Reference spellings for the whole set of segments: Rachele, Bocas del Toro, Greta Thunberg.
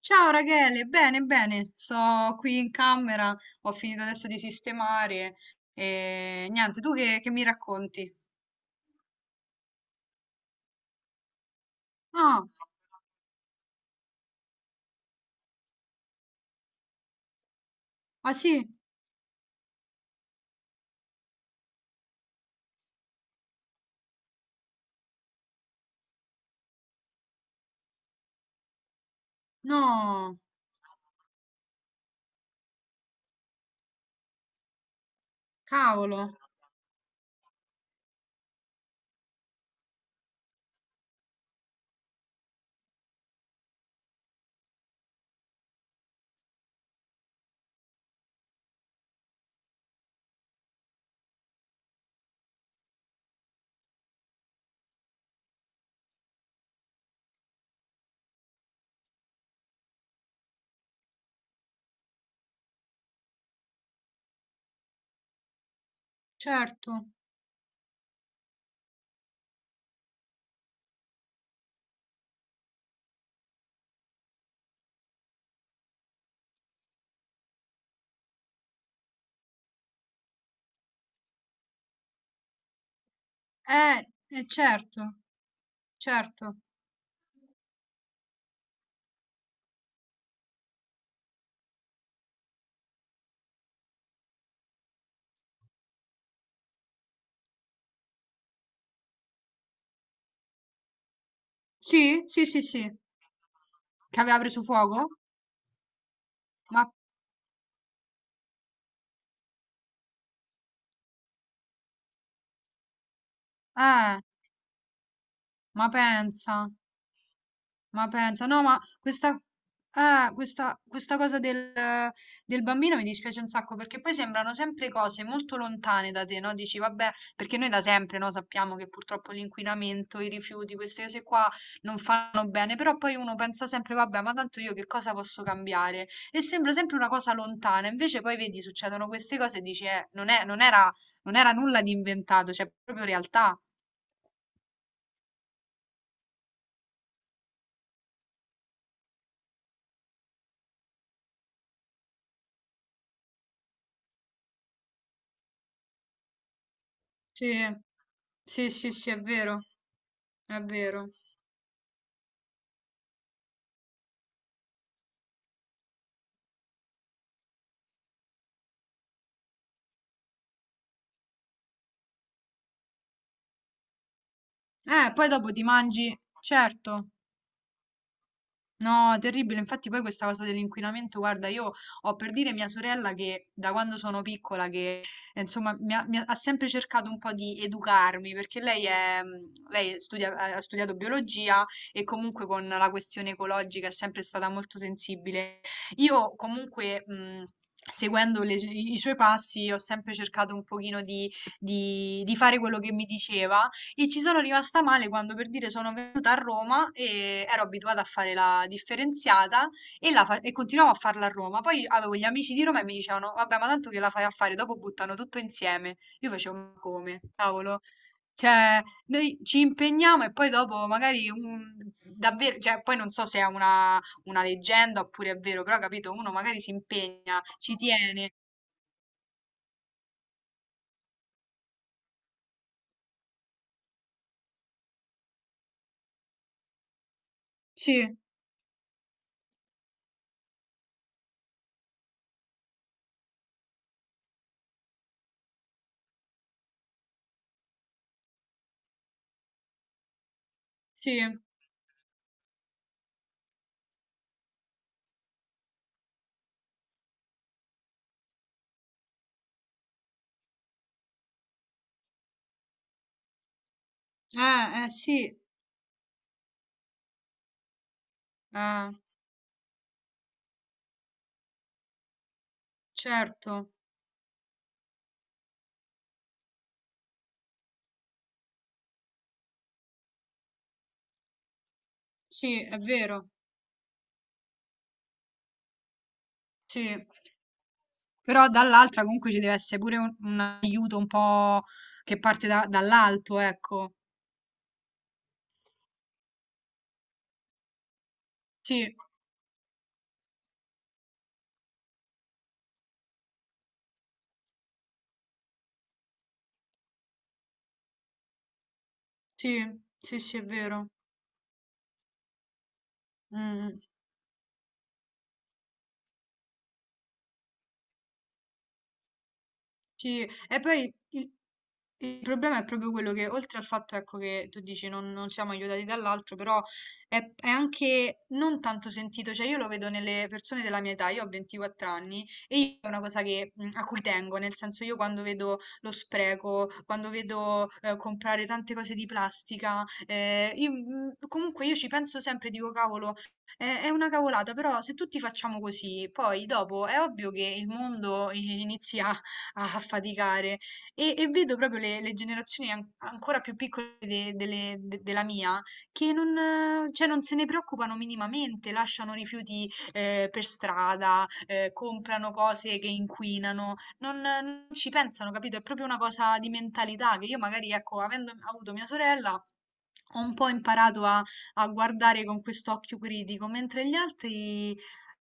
Ciao Rachele, bene, bene, sto qui in camera, ho finito adesso di sistemare e niente, tu che mi racconti? Ah, ah sì, no, cavolo, certo, certo, certo, sì, sì, sì, sì, che aveva preso fuoco? Ma, eh, ma pensa. Ma pensa, no, ma questa cosa del bambino mi dispiace un sacco perché poi sembrano sempre cose molto lontane da te, no? Dici, vabbè, perché noi da sempre, no, sappiamo che purtroppo l'inquinamento, i rifiuti, queste cose qua non fanno bene, però poi uno pensa sempre, vabbè, ma tanto io che cosa posso cambiare? E sembra sempre una cosa lontana, invece poi vedi, succedono queste cose e dici, non era, non era nulla di inventato, cioè è proprio realtà. Sì, sì, sì, sì, è vero, è vero. Poi dopo ti mangi, certo. No, terribile. Infatti poi questa cosa dell'inquinamento, guarda, io ho per dire mia sorella che da quando sono piccola, che insomma mi ha sempre cercato un po' di educarmi, perché lei ha studiato biologia e comunque con la questione ecologica è sempre stata molto sensibile. Io comunque... seguendo i suoi passi, ho sempre cercato un pochino di, di fare quello che mi diceva, e ci sono rimasta male quando per dire sono venuta a Roma e ero abituata a fare la differenziata e, e continuavo a farla a Roma. Poi avevo gli amici di Roma e mi dicevano: vabbè, ma tanto che la fai a fare, dopo buttano tutto insieme. Io facevo: ma come? Cavolo. Cioè, noi ci impegniamo e poi dopo magari un- davvero, cioè, poi non so se è una leggenda oppure è vero, però capito, uno magari si impegna, ci tiene. Sì, sì. Sì. Eh, certo. Sì, è vero, sì. Però dall'altra comunque ci deve essere pure un aiuto un po' che parte da- dall'alto, ecco. Sì, sì, sì, sì, è vero. Mm. Sì, e poi il problema è proprio quello che, oltre al fatto, ecco, che tu dici non siamo aiutati dall'altro, però è anche non tanto sentito, cioè io lo vedo nelle persone della mia età, io ho 24 anni e io è una cosa che, mm, a cui tengo, nel senso io quando vedo lo spreco, quando vedo comprare tante cose di plastica, io, mm, comunque io ci penso sempre, dico cavolo, è una cavolata, però se tutti facciamo così, poi dopo è ovvio che il mondo inizia a faticare e vedo proprio le generazioni ancora più piccole della mia che non, cioè, non se ne preoccupano minimamente, lasciano rifiuti per strada, comprano cose che inquinano, non ci pensano, capito? È proprio una cosa di mentalità che io magari, ecco, avendo avuto mia sorella, ho un po' imparato a, a guardare con quest'occhio critico, mentre gli altri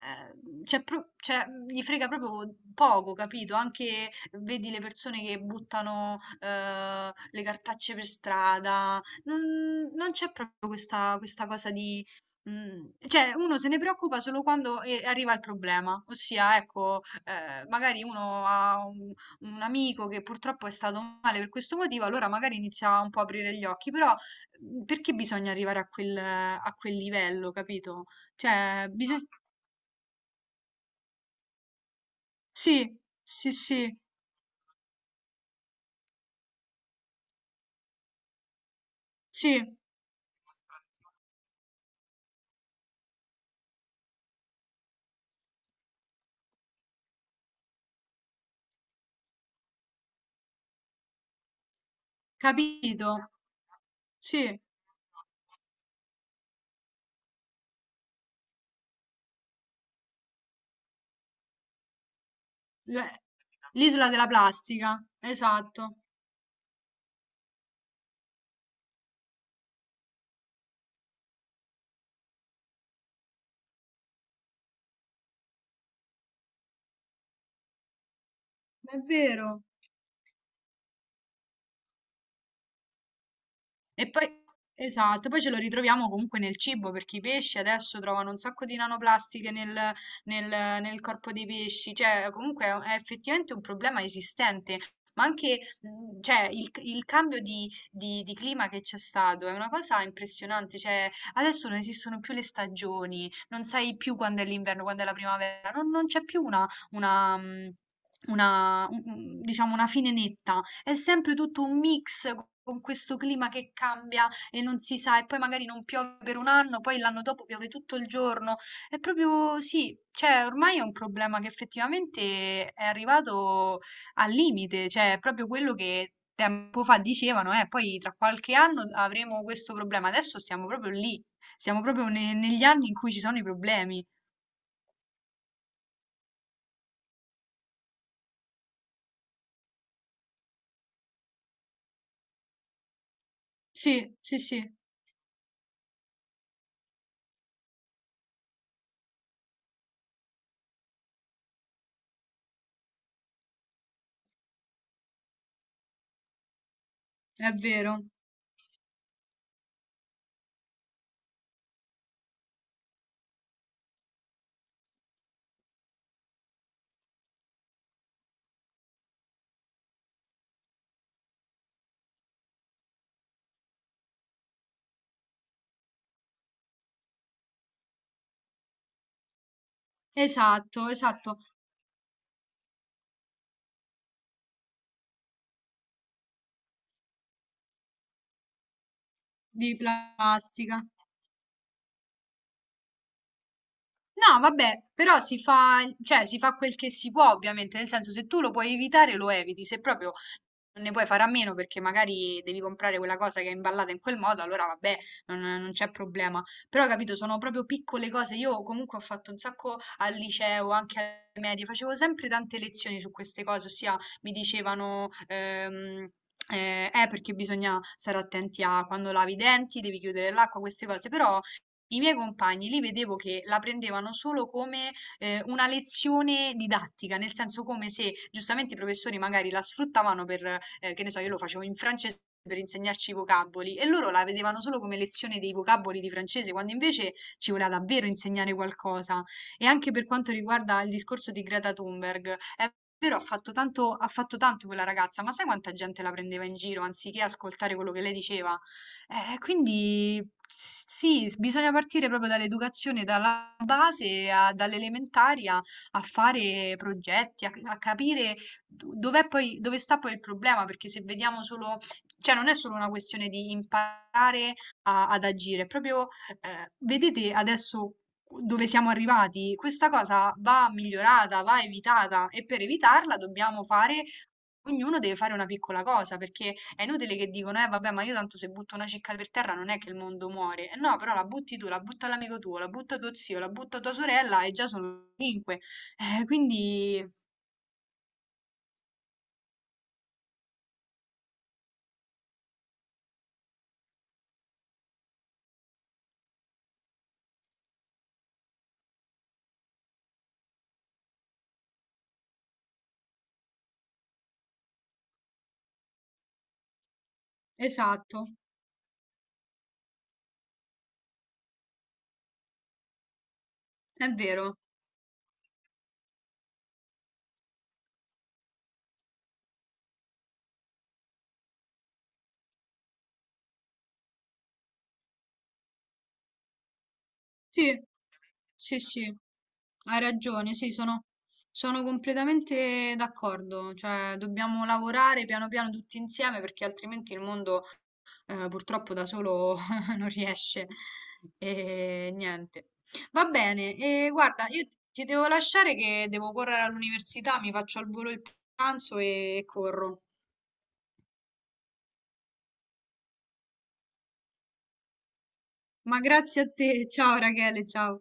cioè, gli frega proprio poco, capito? Anche vedi le persone che buttano le cartacce per strada, non c'è proprio questa, questa cosa di... cioè, uno se ne preoccupa solo quando arriva il problema, ossia, ecco, magari uno ha un amico che purtroppo è stato male per questo motivo, allora magari inizia un po' a aprire gli occhi, però perché bisogna arrivare a a quel livello, capito? Cioè, bisogna... Sì, sì, sì, sì, capito. Sì, l- l'isola della plastica, esatto, è vero. E poi, esatto, poi ce lo ritroviamo comunque nel cibo, perché i pesci adesso trovano un sacco di nanoplastiche nel, nel- nel corpo dei pesci, cioè comunque è effettivamente un problema esistente. Ma anche, cioè, il cambio di, di clima che c'è stato è una cosa impressionante. Cioè, adesso non esistono più le stagioni, non sai più quando è l'inverno, quando è la primavera, non c'è più una, diciamo, una fine netta. È sempre tutto un mix con questo clima che cambia e non si sa, e poi magari non piove per un anno, poi l'anno dopo piove tutto il giorno. È proprio sì, cioè ormai è un problema che effettivamente è arrivato al limite, cioè è proprio quello che tempo fa dicevano, poi tra qualche anno avremo questo problema. Adesso siamo proprio lì, siamo proprio negli anni in cui ci sono i problemi. Sì, sì, sì, è vero. Esatto, esatto, di plastica. No, vabbè, però si fa, cioè si fa quel che si può ovviamente, nel senso se tu lo puoi evitare lo eviti, se proprio non ne puoi fare a meno perché magari devi comprare quella cosa che è imballata in quel modo, allora vabbè, non c'è problema. Però, capito, sono proprio piccole cose. Io comunque ho fatto un sacco al liceo, anche alle medie, facevo sempre tante lezioni su queste cose, ossia mi dicevano... perché bisogna stare attenti a quando lavi i denti, devi chiudere l'acqua, queste cose, però i miei compagni li vedevo che la prendevano solo come una lezione didattica, nel senso come se giustamente i professori magari la sfruttavano per, che ne so, io lo facevo in francese per insegnarci i vocaboli e loro la vedevano solo come lezione dei vocaboli di francese, quando invece ci voleva davvero insegnare qualcosa. E anche per quanto riguarda il discorso di Greta Thunberg, è vero, ha fatto tanto quella ragazza, ma sai quanta gente la prendeva in giro anziché ascoltare quello che lei diceva? Quindi sì, bisogna partire proprio dall'educazione, dalla base, dall'elementari a, a fare progetti, a, a capire dove sta poi il problema, perché se vediamo solo, cioè non è solo una questione di imparare ad agire, è proprio vedete adesso dove siamo arrivati, questa cosa va migliorata, va evitata e per evitarla dobbiamo fare ognuno deve fare una piccola cosa, perché è inutile che dicono, eh vabbè, ma io tanto se butto una cicca per terra non è che il mondo muore. Eh no, però la butti tu, la butta l'amico tuo, la butta tuo zio, la butta tua sorella e già sono 5. Quindi, esatto, è vero. Sì, sì, sì, hai ragione, sì, sono... Sono completamente d'accordo, cioè dobbiamo lavorare piano piano tutti insieme perché altrimenti il mondo purtroppo da solo non riesce. E niente. Va bene, e guarda, io ti devo lasciare che devo correre all'università, mi faccio al volo il pranzo e corro. Ma grazie a te, ciao Rachele, ciao.